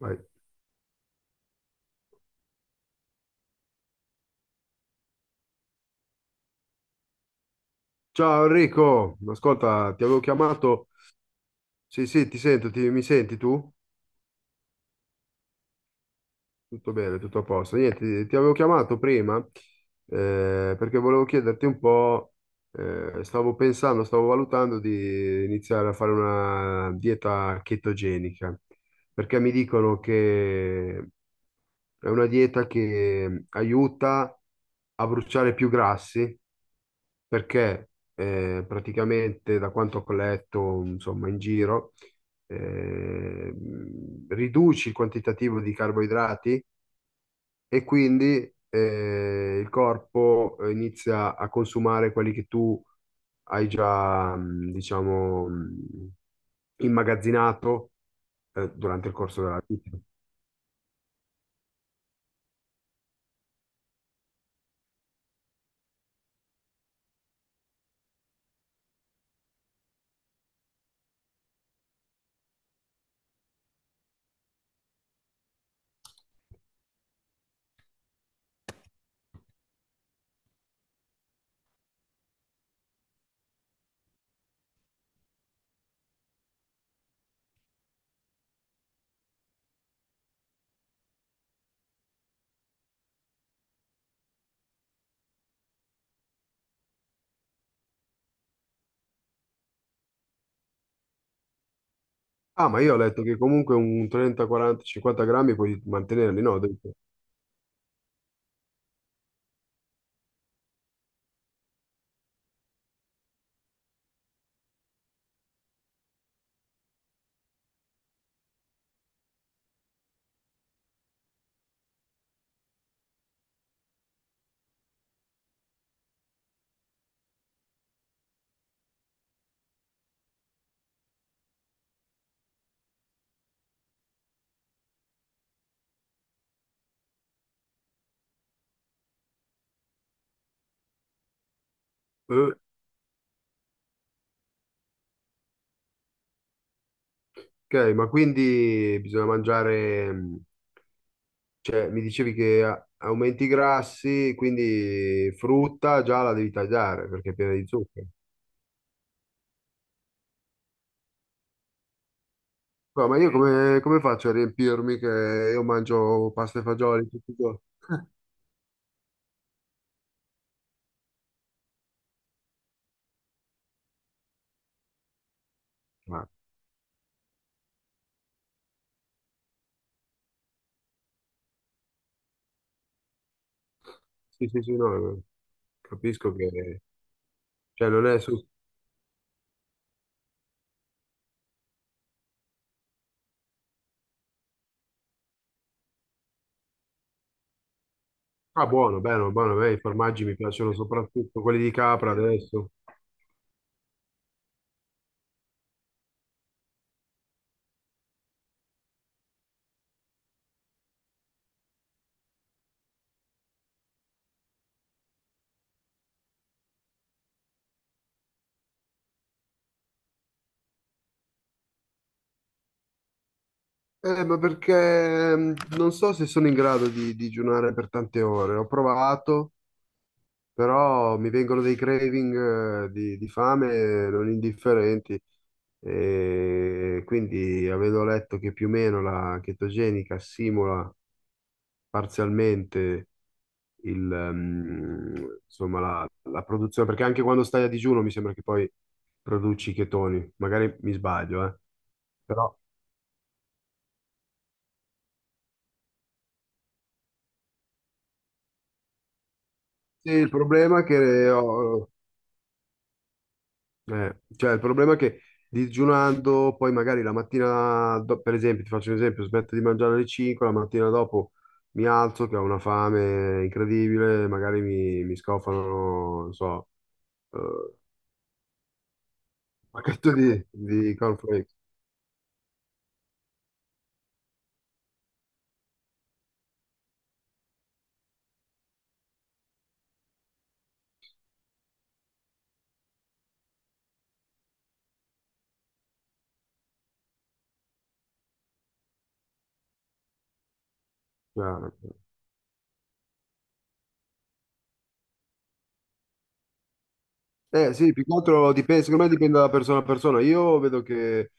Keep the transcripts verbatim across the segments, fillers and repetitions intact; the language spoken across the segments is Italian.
Vai. Ciao Enrico, ascolta, ti avevo chiamato. Sì, sì, ti sento, ti- mi senti tu? Tutto bene, tutto a posto. Niente, ti avevo chiamato prima, eh, perché volevo chiederti un po'. Eh, stavo pensando, stavo valutando di iniziare a fare una dieta chetogenica, perché mi dicono che è una dieta che aiuta a bruciare più grassi perché eh, praticamente da quanto ho letto, insomma, in giro, eh, riduci il quantitativo di carboidrati e quindi eh, il corpo inizia a consumare quelli che tu hai già, mh, diciamo, mh, immagazzinato eh, durante il corso della vita. Ah, ma io ho letto che comunque un trenta, quaranta, cinquanta grammi puoi mantenerli, no? Ho detto, eh, ok, ma quindi bisogna mangiare, mh, cioè, mi dicevi che a- aumenti i grassi, quindi frutta già la devi tagliare perché è piena di zucchero. No, ma io come, come faccio a riempirmi che io mangio pasta e fagioli tutti i giorni? Ah, sì, sì, sì, no, capisco che. Cioè, non è. su- Ah, buono, bello, buono, a me i formaggi mi piacciono soprattutto quelli di capra adesso. Eh, ma perché, mh, non so se sono in grado di digiunare per tante ore. Ho provato, però mi vengono dei craving, eh, di, di fame non indifferenti, e quindi avendo letto che più o meno la chetogenica simula parzialmente il, ehm, insomma, la, la produzione, perché anche quando stai a digiuno mi sembra che poi produci i chetoni, magari mi sbaglio, eh. Però sì, il problema è che ho- Eh, cioè, il problema è che digiunando, poi magari la mattina, do- per esempio, ti faccio un esempio, smetto di mangiare alle cinque, la mattina dopo mi alzo che ho una fame incredibile, magari mi, mi scofano, non so, eh, un pacchetto di, di cornflakes. Cioè, eh sì, più che altro dipende, secondo me dipende da persona a persona. Io vedo che,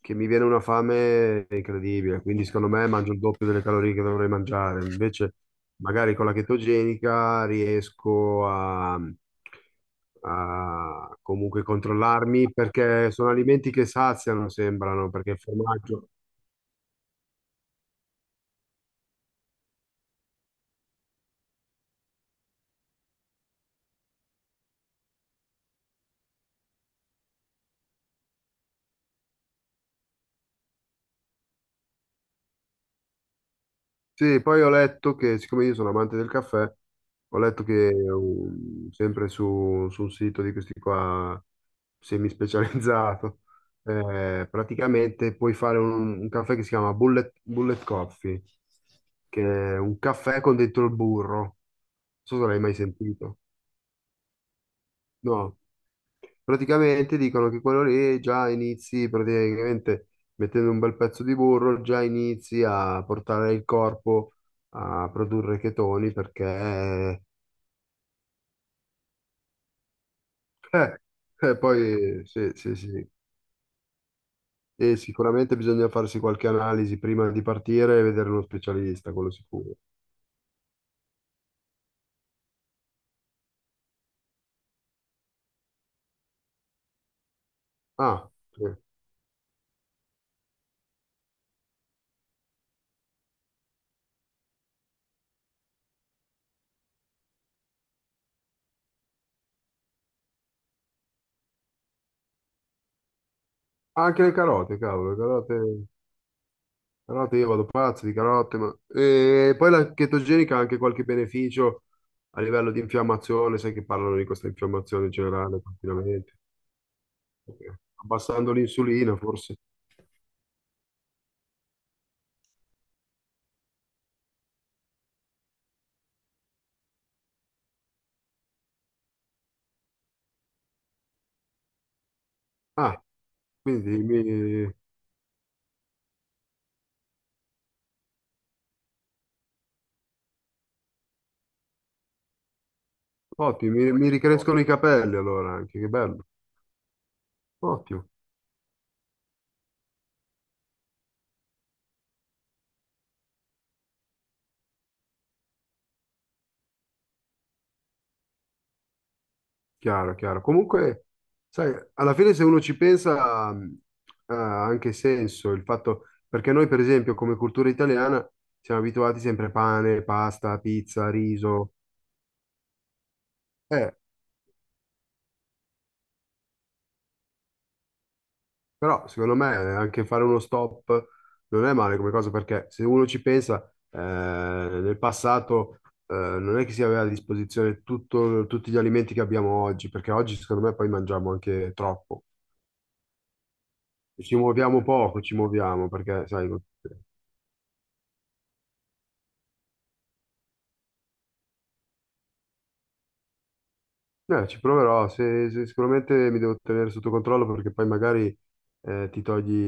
che mi viene una fame incredibile, quindi secondo me mangio il doppio delle calorie che dovrei mangiare. Invece, magari con la chetogenica riesco a, a comunque controllarmi perché sono alimenti che saziano, sembrano, perché il formaggio. Sì, poi ho letto che, siccome io sono amante del caffè, ho letto che, um, sempre su, su un sito di questi qua semispecializzato. Eh, praticamente puoi fare un, un caffè che si chiama Bullet, Bullet Coffee, che è un caffè con dentro il burro. Non so se l'hai mai sentito. No. Praticamente dicono che quello lì già inizi praticamente mettendo un bel pezzo di burro, già inizi a portare il corpo a produrre chetoni perché eh, eh, poi sì, sì, sì. E sicuramente bisogna farsi qualche analisi prima di partire e vedere uno specialista, quello sicuro. Ah, sì. Anche le carote, cavolo, le carote. Carote, io vado pazzo di carote, ma. E poi la chetogenica ha anche qualche beneficio a livello di infiammazione, sai che parlano di questa infiammazione generale continuamente, eh, abbassando l'insulina forse. Ah, quindi mi. Ottimo, mi, mi ricrescono i capelli allora anche, che bello. Ottimo, chiaro, chiaro. Comunque, sai, alla fine se uno ci pensa, mh, ha anche senso il fatto, perché noi per esempio come cultura italiana siamo abituati sempre a pane, pasta, pizza, riso. Eh, Però secondo me, eh, anche fare uno stop non è male come cosa perché se uno ci pensa, eh, nel passato, eh, non è che si aveva a disposizione tutto- tutti gli alimenti che abbiamo oggi, perché oggi secondo me poi mangiamo anche troppo. Ci muoviamo poco, ci muoviamo perché, sai, eh, ci proverò, se- se- sicuramente mi devo tenere sotto controllo perché poi magari, eh, ti togli,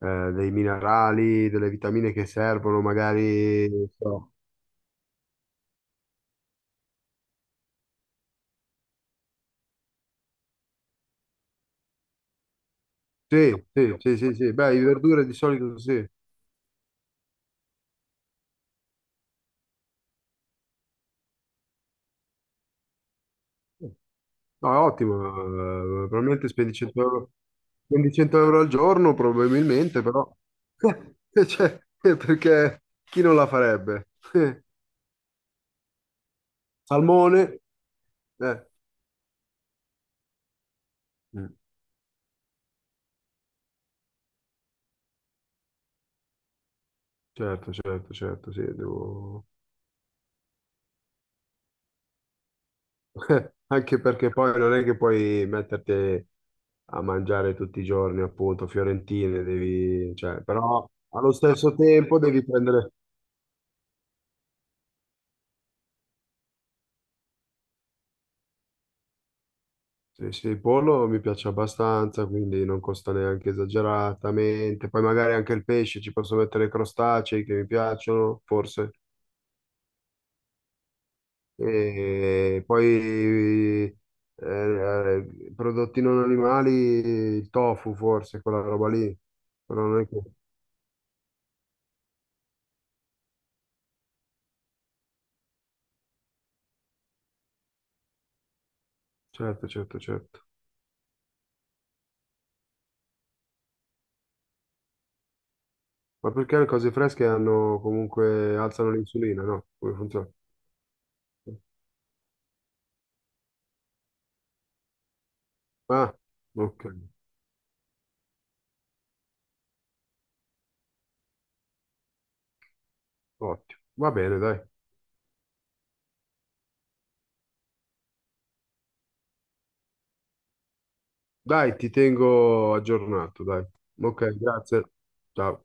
eh, dei minerali, delle vitamine che servono, magari, non so. Sì, sì, sì, sì, sì. Beh, le verdure di solito sì. No, è ottimo, eh, probabilmente spendi cento euro, spendi cento euro al giorno, probabilmente, però. Cioè, eh, perché chi non la farebbe? Salmone? Eh, mm, certo, certo, certo, sì, devo- Anche perché poi non è che puoi metterti a mangiare tutti i giorni, appunto, fiorentine, devi. Cioè, però allo stesso tempo devi prendere. Sì, sì, il pollo mi piace abbastanza, quindi non costa neanche esageratamente. Poi magari anche il pesce, ci posso mettere crostacei che mi piacciono, forse. E poi, eh, prodotti non animali, il tofu forse, quella roba lì. Però non è che. Certo, certo, certo. Ma perché le cose fresche hanno comunque alzano l'insulina, no? Come funziona? Ah, ok, ottimo. Va bene, dai. Dai, ti tengo aggiornato, dai. Ok, grazie. Ciao.